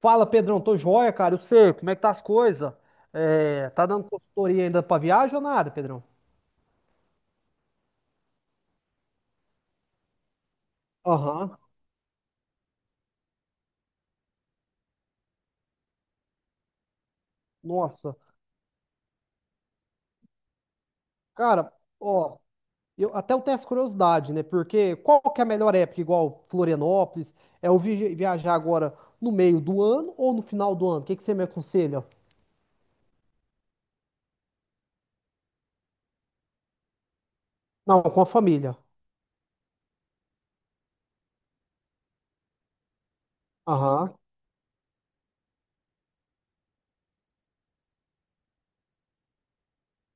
Fala, Pedrão, tô joia, cara. Eu sei, como é que tá as coisas? É, tá dando consultoria ainda pra viagem ou nada, Pedrão? Aham. Nossa. Cara, ó, eu até eu tenho essa curiosidade, né? Porque qual que é a melhor época, igual Florianópolis? É viajar agora no meio do ano ou no final do ano? O que que você me aconselha? Não, com a família. Aham,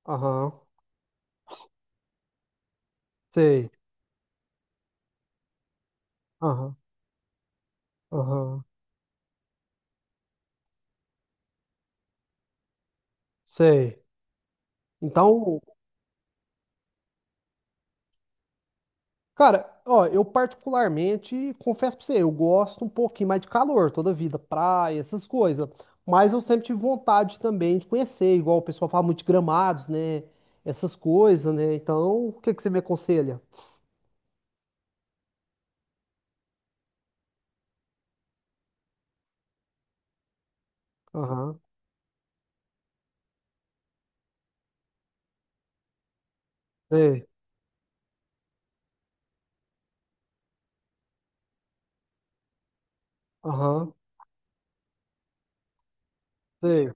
aham, sei. Aham, aham, sei. Então, cara, ó, eu particularmente confesso pra você, eu gosto um pouquinho mais de calor toda vida, praia, essas coisas. Mas eu sempre tive vontade também de conhecer, igual o pessoal fala muito de Gramados, né? Essas coisas, né? Então, o que que você me aconselha? Aham, sei, aham, sei,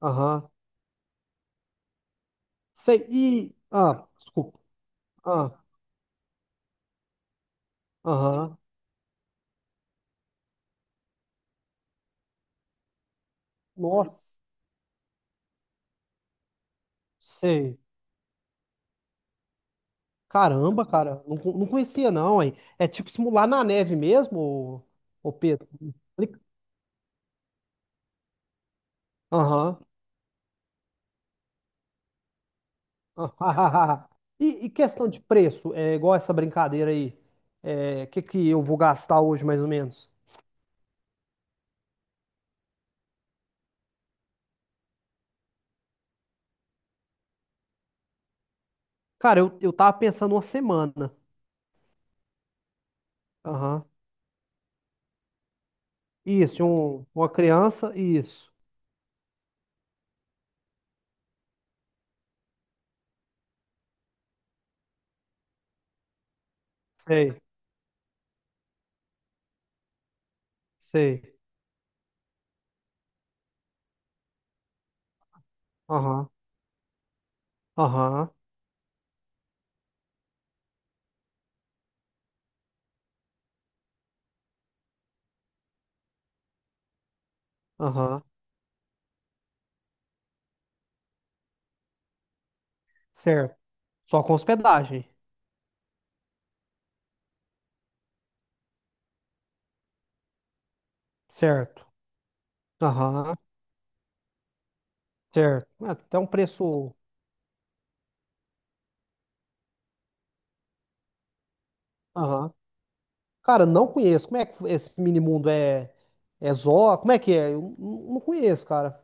aham, sei. E, ah, desculpa, ah, aham, nossa, sei. Caramba, cara, não, não conhecia não, hein? É tipo simular na neve mesmo, ô, ô Pedro? Me explica. Aham. E, e questão de preço, é igual essa brincadeira aí. É, que eu vou gastar hoje, mais ou menos? Cara, eu tava pensando uma semana. Aham. Isso, um, uma criança, isso. Sei, sei. Aham, aham, aham. Certo. Só com hospedagem. Certo. Aham, certo. É, até um preço. Aham. Cara, não conheço. Como é que esse mini mundo é. É Zó? Como é que é? Eu não conheço, cara.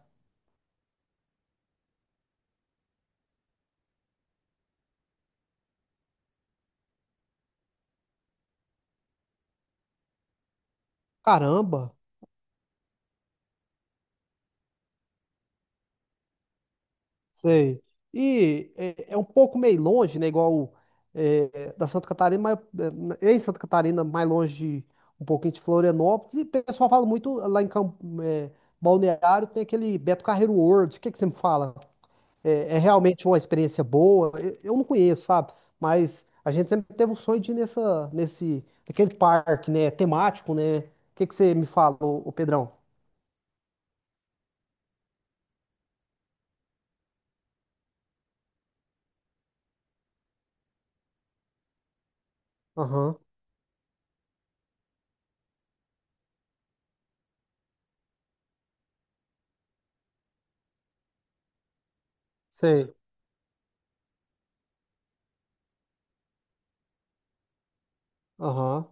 Caramba. Sei. E é, é um pouco meio longe, né? Igual é, da Santa Catarina, mas é, em Santa Catarina, mais longe um pouquinho de Florianópolis. E o pessoal fala muito lá em Campo, é, Balneário, tem aquele Beto Carreiro World. O que que você me fala? É, é realmente uma experiência boa? Eu não conheço, sabe? Mas a gente sempre teve o sonho de ir nessa, nesse, aquele parque, né? Temático, né? O que que você me fala, ô, ô Pedrão? Aham, sei. Aham.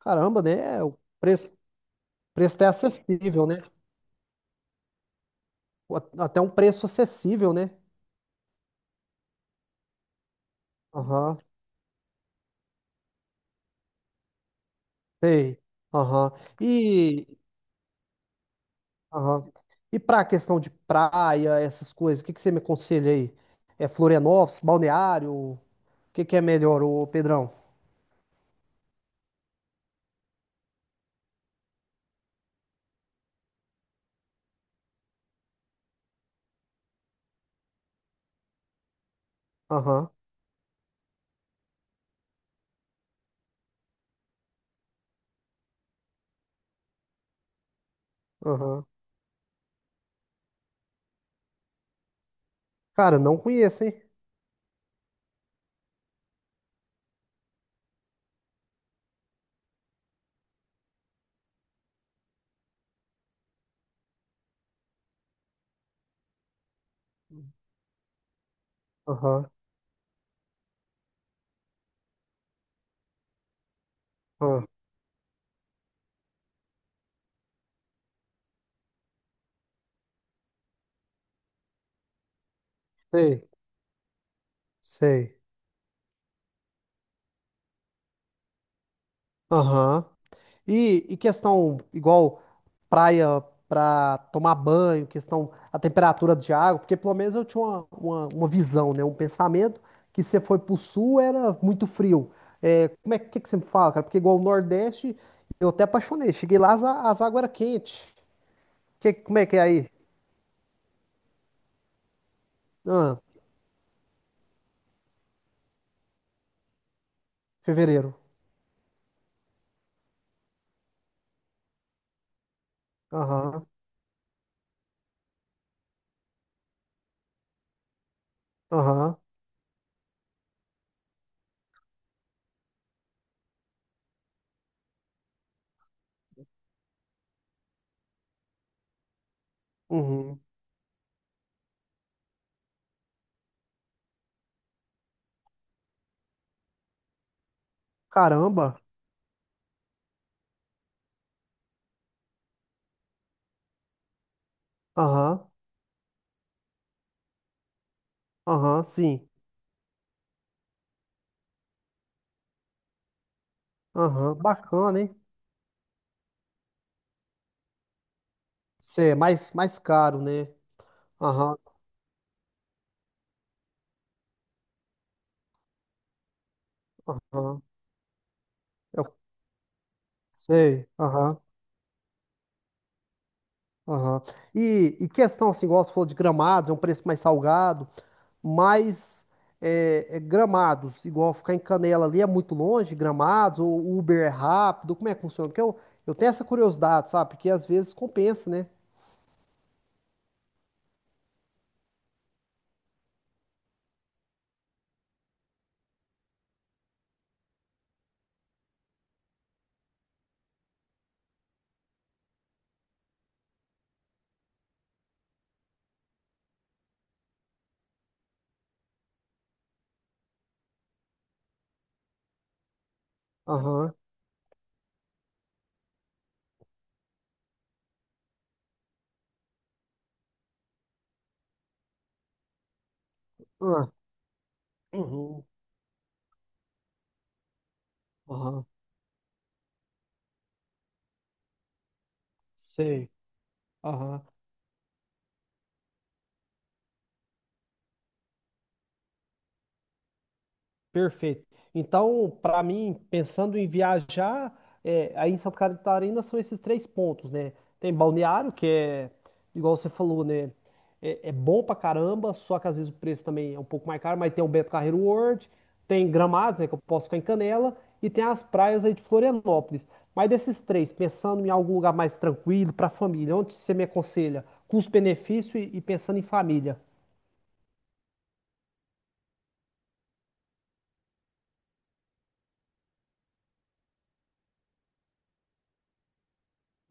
Caramba, né? O preço. Preço até acessível, né? Até um preço acessível, né? Aham, sei. Aham. E, aham. E para a questão de praia, essas coisas, o que que você me aconselha aí? É Florianópolis, Balneário? O que que é melhor, ô Pedrão? Aham, aham. Cara, não conheço, hein? Aham, aham. Sei, sei. Aham. E questão igual praia para tomar banho, questão a temperatura de água, porque pelo menos eu tinha uma visão, né? Um pensamento que se você foi pro sul era muito frio. É, como é que você me fala, cara? Porque igual o Nordeste, eu até apaixonei. Cheguei lá, as águas eram quentes. Que, como é que é aí? Ah, fevereiro. Aham, aham, uhum. Caramba. Aham, aham, sim. Aham, bacana, hein? Cê é mais, mais caro, né? Aham. Aham, eu sei. Aham, aham. E questão, assim, igual você falou de gramados, é um preço mais salgado, mas é, é, gramados, igual ficar em Canela ali é muito longe, gramados, ou o Uber é rápido, como é que funciona? Porque eu tenho essa curiosidade, sabe? Porque às vezes compensa, né? Aham, ah, uhum, aham, sei. Aham. Perfeito. Então, para mim, pensando em viajar, é, aí em Santa Catarina são esses três pontos, né? Tem Balneário, que é, igual você falou, né? É, é bom pra caramba, só que às vezes o preço também é um pouco mais caro, mas tem o Beto Carreiro World, tem Gramado, né? Que eu posso ficar em Canela, e tem as praias aí de Florianópolis. Mas desses três, pensando em algum lugar mais tranquilo, pra família, onde você me aconselha? Custo-benefício e pensando em família.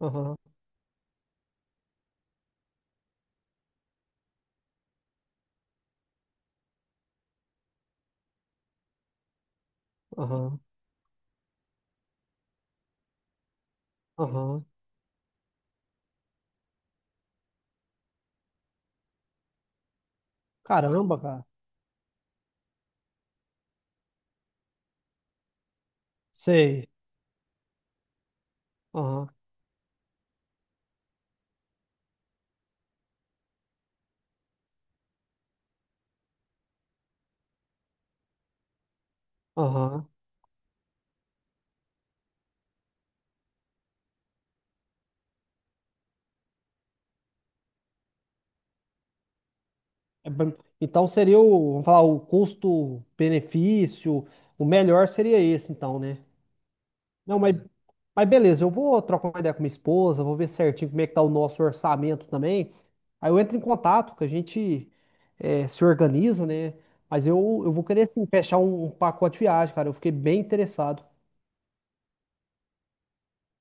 Aham, aham, aham. Caramba, cara. Sei. Aham, aham. É bem- Então seria o, vamos falar, o custo-benefício, o melhor seria esse, então, né? Não, mas beleza, eu vou trocar uma ideia com minha esposa, vou ver certinho como é que tá o nosso orçamento também. Aí eu entro em contato, que a gente eh, se organiza, né? Mas eu vou querer sim fechar um, um pacote de viagem, cara. Eu fiquei bem interessado.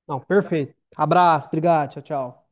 Não, perfeito. Abraço, obrigado, tchau, tchau.